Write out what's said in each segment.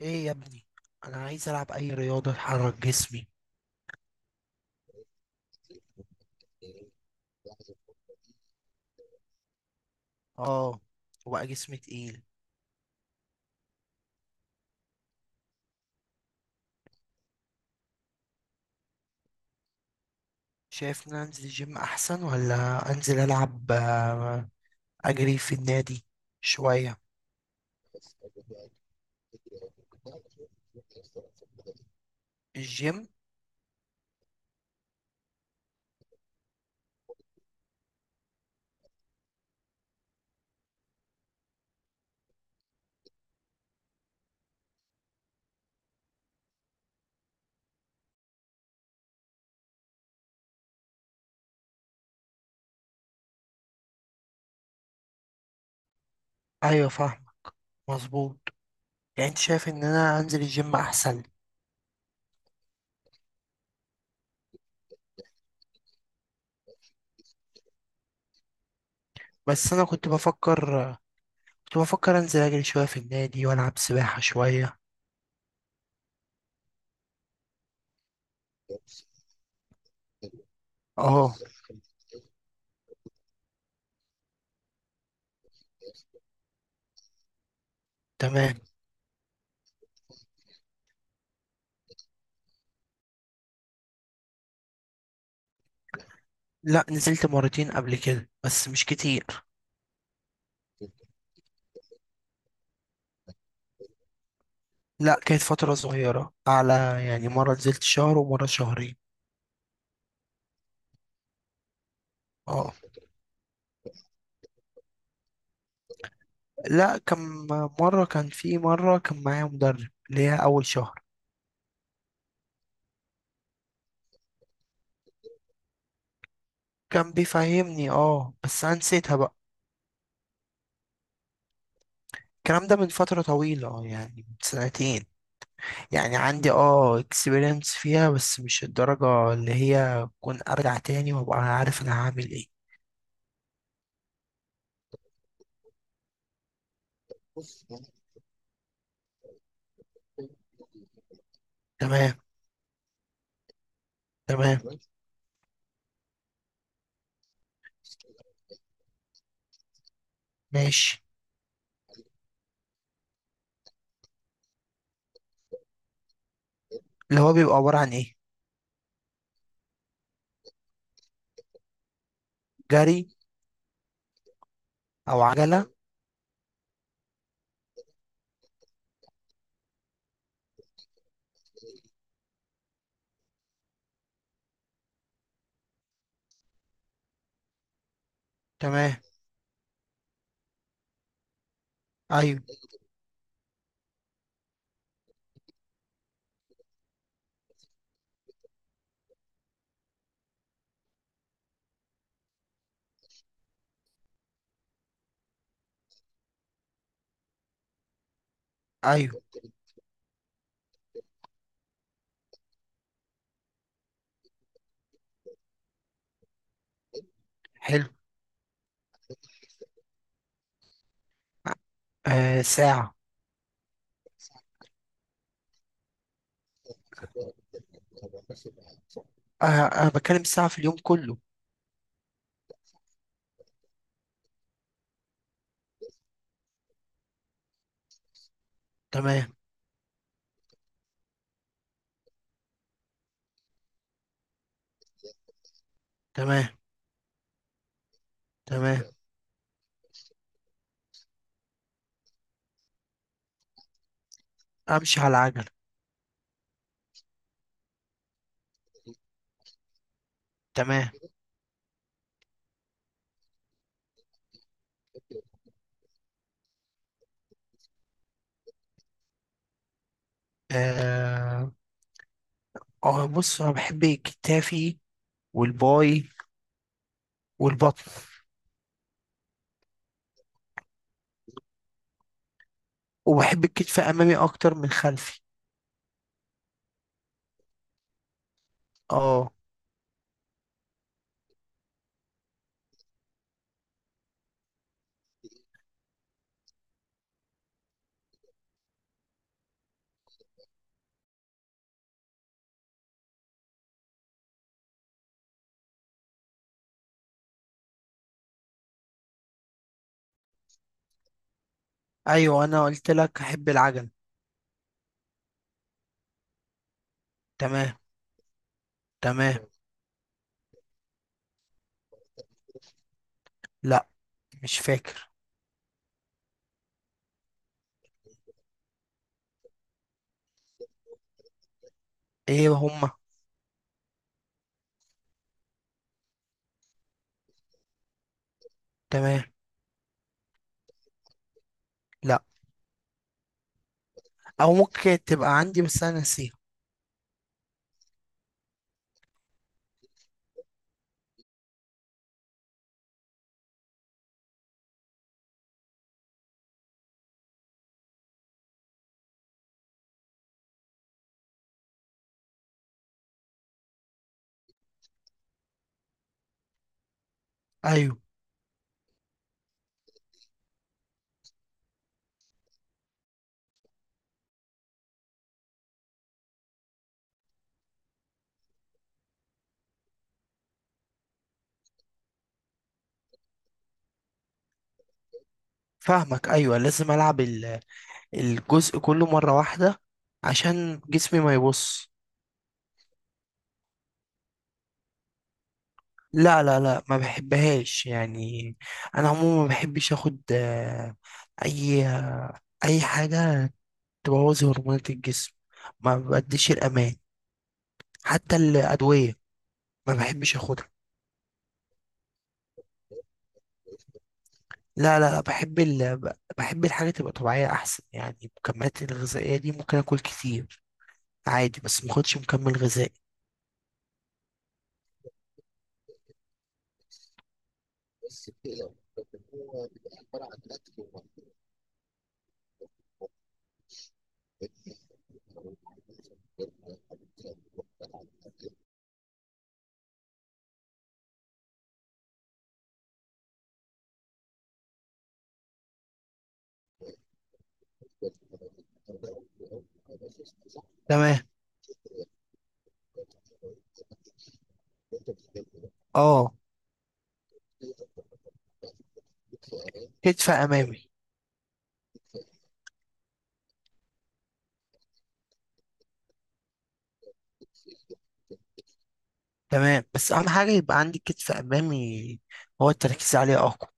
ايه يا ابني؟ انا عايز العب اي رياضه تحرك جسمي. اه. وبقى جسمي تقيل. شايف ان أنا انزل الجيم احسن ولا انزل العب اجري في النادي شويه. الجيم. ايوه، فاهم. مظبوط. يعني انت شايف ان انا انزل الجيم احسن؟ بس انا كنت بفكر انزل اجري شويه في النادي والعب سباحه شويه. اه. تمام. لا، نزلت مرتين قبل كده بس مش كتير. لا، كانت فترة صغيرة، على يعني مرة نزلت شهر ومرة شهرين. اه. لا، كم مرة كان في مرة كان معايا مدرب اللي هي أول شهر. كان بيفهمني، اه، بس أنا نسيتها بقى. الكلام ده من فترة طويلة، يعني من سنتين. يعني عندي اكسبيرينس فيها بس مش الدرجة اللي هي كون أرجع تاني وأبقى عارف أنا هعمل ايه. تمام. تمام. ماشي. اللي هو بيبقى عبارة عن ايه؟ جري. أو عجلة. تمام. أيوه، أيوه. حلو. آه، ساعة. أه. أنا بتكلم الساعة في اليوم كله. تمام. تمام. تمام. أمشي على العجلة. تمام. أه. أه، بص، أنا بحب كتافي. والباي. والبطن. وبحب الكتف أمامي أكتر من خلفي. أه. أيوه، أنا قلت لك أحب العجلة. تمام. تمام. لأ. مش فاكر. إيه هما؟ تمام. لأ. أو ممكن تبقى عندي بس أنا ناسيها. أيوه، فاهمك. أيوه، لازم ألعب الجزء كله مرة واحدة عشان جسمي ما يبص. لا، لا، لا، ما بحبهاش يعني. انا عموما ما بحبش اخد اي اي حاجه تبوظ هرمونات الجسم. ما بديش الامان. حتى الادويه. ما بحبش اخدها. لا، لا، لا، بحب الحاجه تبقى طبيعيه احسن. يعني المكملات الغذائيه دي ممكن اكل كتير عادي بس ما اخدش مكمل غذائي. بس كده لو. هو بيبقى عبارة عن أكل ومية. تمام. اه. كتف امامي. تمام، بس اهم حاجه يبقى عندي كتف امامي. هو التركيز عليه اقوى.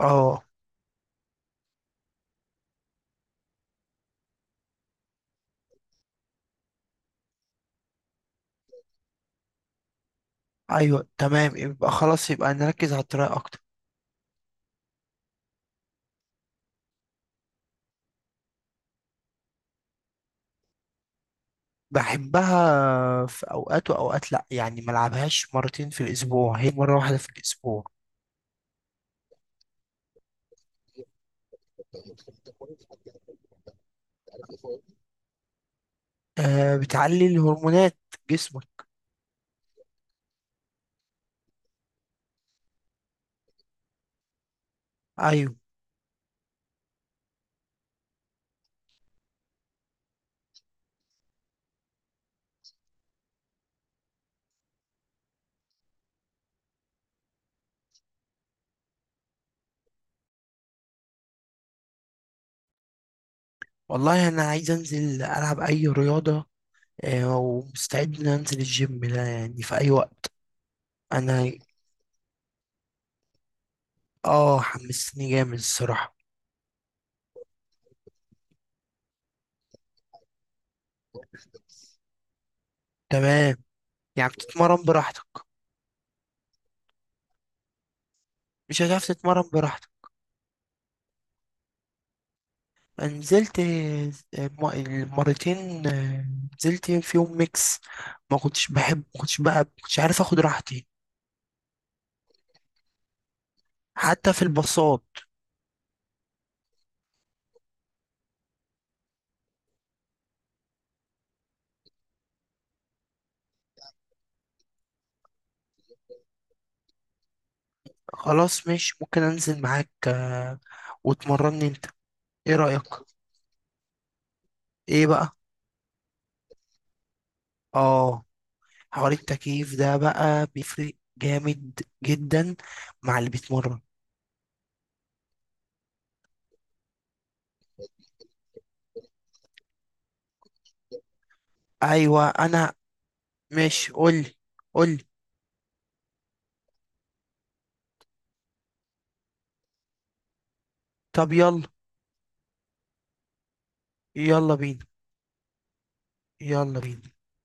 اه. ايوه، تمام، يبقى خلاص، يبقى نركز على الطريقه اكتر. بحبها في اوقات واوقات لا، يعني ما العبهاش مرتين في الاسبوع، هي مره واحده في الاسبوع. أه، بتعلي الهرمونات. جسمك. ايوه. والله انا عايز انزل العب اي رياضه. أه، ومستعد ان انزل الجيم ده يعني في اي وقت. انا. اه، حمستني جامد الصراحه. تمام. يعني بتتمرن براحتك. مش هتعرف تتمرن براحتك. نزلت. المرتين نزلت فيهم ميكس. ما كنتش بحب، ما كنتش بقى، ما كنتش عارف اخد راحتي. حتى في الباصات. خلاص، مش ممكن انزل معاك وتمرني انت؟ ايه رأيك؟ ايه بقى؟ اه، حوار التكييف ده بقى بيفرق جامد جدا. مع اللي بيتمرن. ايوه، انا. ماشي، قولي، قولي. طب يلا. يلا بينا. يلا بينا.